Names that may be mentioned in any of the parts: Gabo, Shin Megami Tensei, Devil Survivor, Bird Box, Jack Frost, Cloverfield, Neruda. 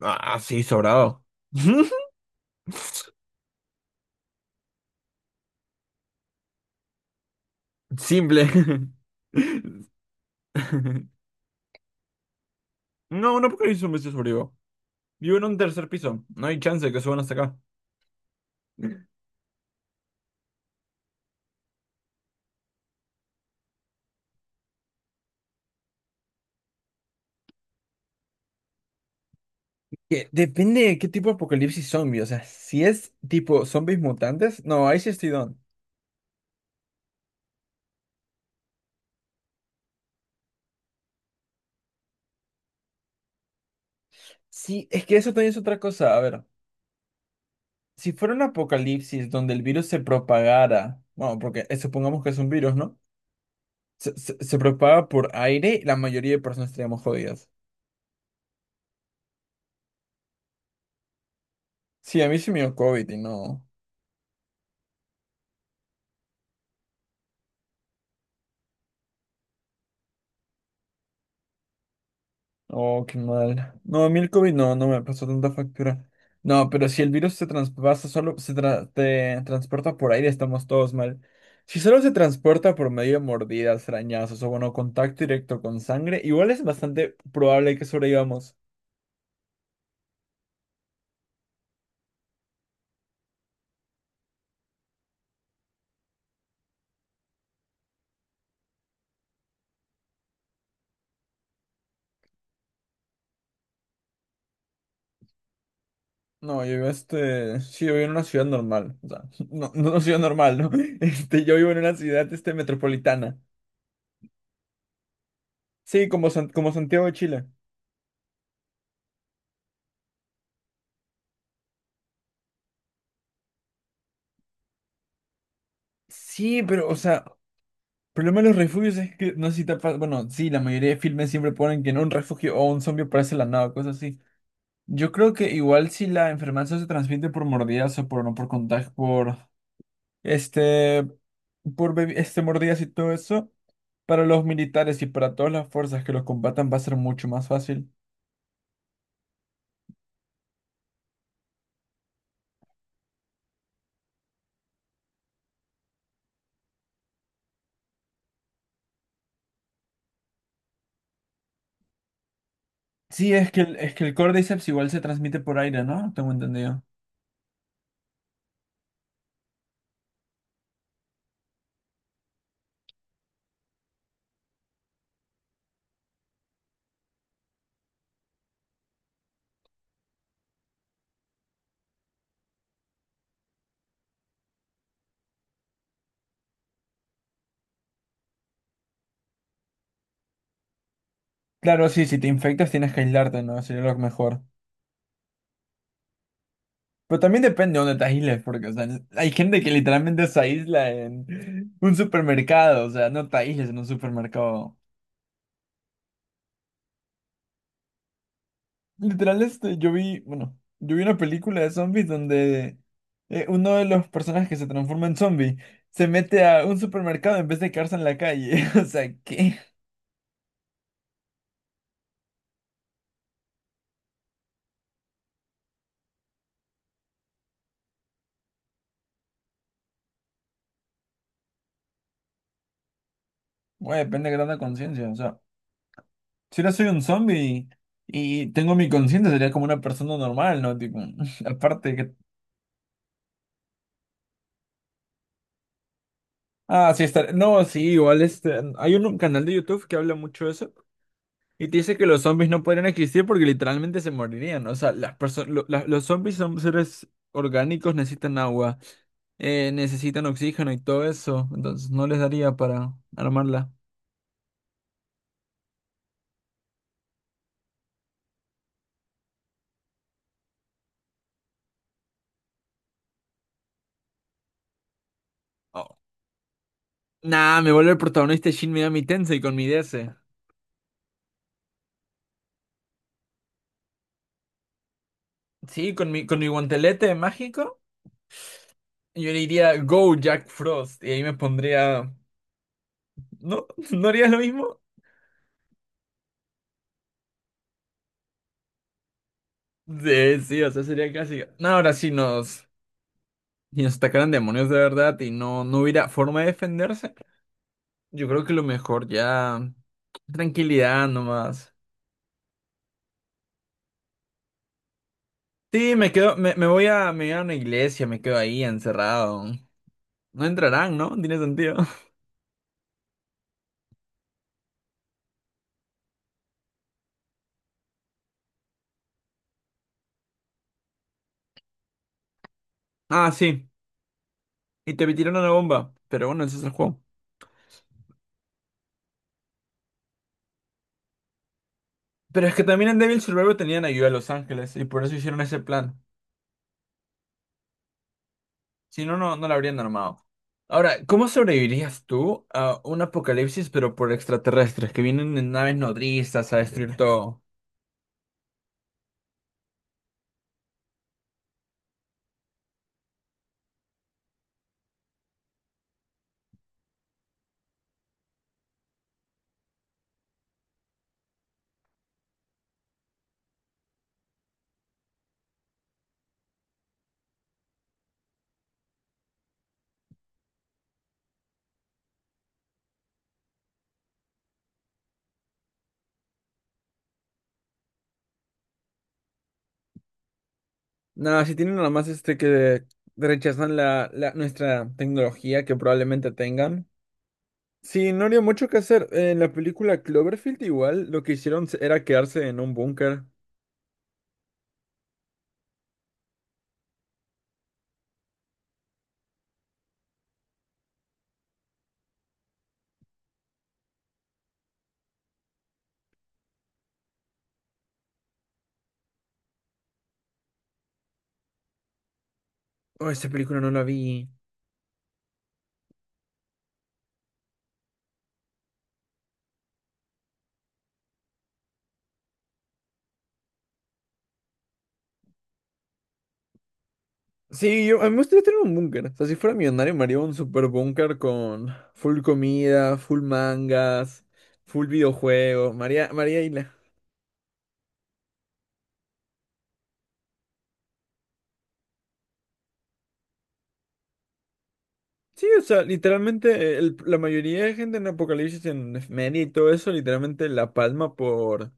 Ah, sí, sobrado. Simple. No, no porque hizo un vestido sobrevivo. Vivo en un tercer piso. No hay chance de que suban hasta acá. Que depende de qué tipo de apocalipsis zombie. O sea, si es tipo zombies mutantes, no, ahí sí estoy don. Sí, es que eso también es otra cosa. A ver, si fuera un apocalipsis donde el virus se propagara, bueno, porque supongamos que es un virus, ¿no? Se propaga por aire, la mayoría de personas estaríamos jodidas. Sí, a mí sí me dio COVID y no. Oh, qué mal. No, a mí el COVID no, no me pasó tanta factura. No, pero si el virus se traspasa solo, te transporta por aire, estamos todos mal. Si solo se transporta por medio de mordidas, arañazos o bueno, contacto directo con sangre, igual es bastante probable que sobrevivamos. No, yo vivo sí, yo vivo en una ciudad normal, o sea, no, no una ciudad normal, ¿no? Este, yo vivo en una ciudad metropolitana. Sí, como Santiago de Chile. Sí, pero, o sea, problema de los refugios es que no sé si te ha. Bueno, sí, la mayoría de filmes siempre ponen que en un refugio o un zombie aparece de la nada, cosas así. Yo creo que igual si la enfermedad se transmite por mordidas o por no por contagio, este, por mordidas y todo eso, para los militares y para todas las fuerzas que los combatan va a ser mucho más fácil. Sí, es que el Cordyceps igual se transmite por aire, ¿no? Tengo entendido. Claro, sí, si te infectas tienes que aislarte, ¿no? Sería lo mejor. Pero también depende de dónde te aísles, porque, o sea, hay gente que literalmente se aísla en un supermercado, o sea, no te aísles en un supermercado. Literal, yo vi, bueno, yo vi una película de zombies donde uno de los personajes que se transforma en zombie se mete a un supermercado en vez de quedarse en la calle. O sea, ¿qué? Bueno, depende de qué tanta conciencia, o sea, si ahora soy un zombie y tengo mi conciencia, sería como una persona normal, ¿no? Tipo, aparte. Ah, sí, está. No, sí, igual hay un canal de YouTube que habla mucho de eso y te dice que los zombies no podrían existir porque literalmente se morirían. O sea, las perso- lo- la- los zombies son seres orgánicos, necesitan agua, necesitan oxígeno y todo eso. Entonces no les daría para armarla. Oh. Nah, me vuelve el protagonista de Shin Megami Tensei con mi DS. Sí, con mi guantelete mágico, yo le diría Go Jack Frost y ahí me pondría. ¿No? ¿No harías lo mismo? Sí, sí, o sea, sería casi. No, ahora sí nos, y nos atacaran demonios de verdad y no, no hubiera forma de defenderse. Yo creo que lo mejor ya. Tranquilidad nomás. Sí, me quedo, me voy a una iglesia, me quedo ahí encerrado. No entrarán, ¿no? Tiene sentido. Ah, sí. Y te tiraron una bomba. Pero bueno, ese es el juego. Pero es que también en Devil Survivor tenían ayuda a Los Ángeles y por eso hicieron ese plan. Si no, no, no la habrían armado. Ahora, ¿cómo sobrevivirías tú a un apocalipsis, pero por extraterrestres que vienen en naves nodrizas a destruir todo? Nada, si tienen nada más que rechazan nuestra tecnología que probablemente tengan. Sí, no habría mucho que hacer. En la película Cloverfield igual lo que hicieron era quedarse en un búnker. Oh, esa película no la vi. Sí, yo, a mí me gustaría tener un búnker. O sea, si fuera millonario, me haría un super búnker con full comida, full mangas, full videojuegos. María, María Isla. Sí, o sea, literalmente la mayoría de gente en Apocalipsis, en Efeméride y todo eso, literalmente la palma por.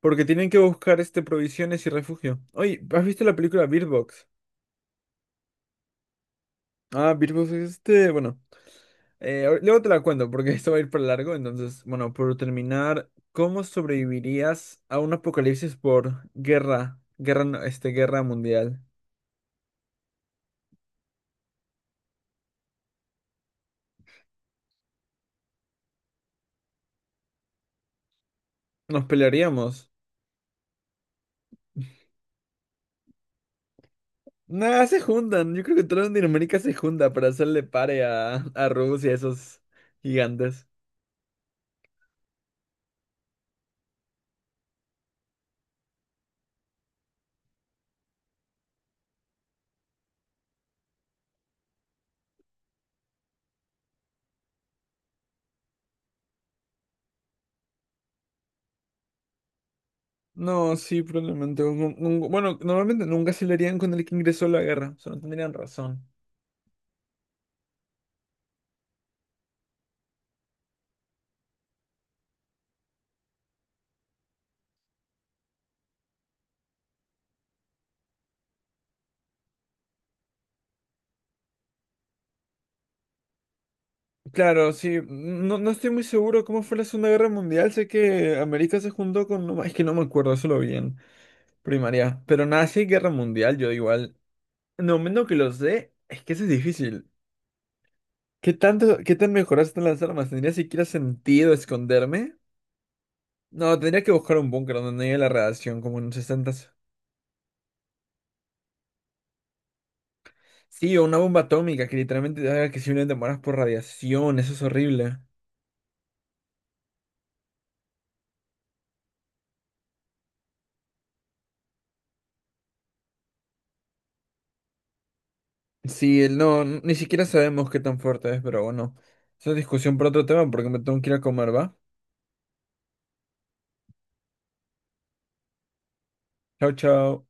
Porque tienen que buscar provisiones y refugio. Oye, ¿has visto la película Bird Box? Ah, Bird Box es bueno. Luego te la cuento porque esto va a ir para largo. Entonces, bueno, por terminar, ¿cómo sobrevivirías a un apocalipsis por guerra, guerra mundial? Nos pelearíamos. Nada, se juntan. Yo creo que toda Latinoamérica se junta para hacerle pare a, Rusia, a esos gigantes. No, sí, probablemente. Bueno, normalmente nunca se le harían con el que ingresó a la guerra. O sea, no tendrían razón. Claro, sí, no, no estoy muy seguro cómo fue la Segunda Guerra Mundial, sé que América se juntó con, no, es que no me acuerdo, eso lo vi en primaria, pero nada, si hay Guerra Mundial, yo igual, en el momento que lo sé, es que eso es difícil. ¿Qué tan mejoradas están las armas? ¿Tendría siquiera sentido esconderme? No, tendría que buscar un búnker donde no haya la radiación, como en los 60. Sí, o una bomba atómica que literalmente te haga que simplemente mueras por radiación, eso es horrible. Sí, el no, ni siquiera sabemos qué tan fuerte es, pero bueno, esa es discusión para otro tema porque me tengo que ir a comer, ¿va? Chao, chao.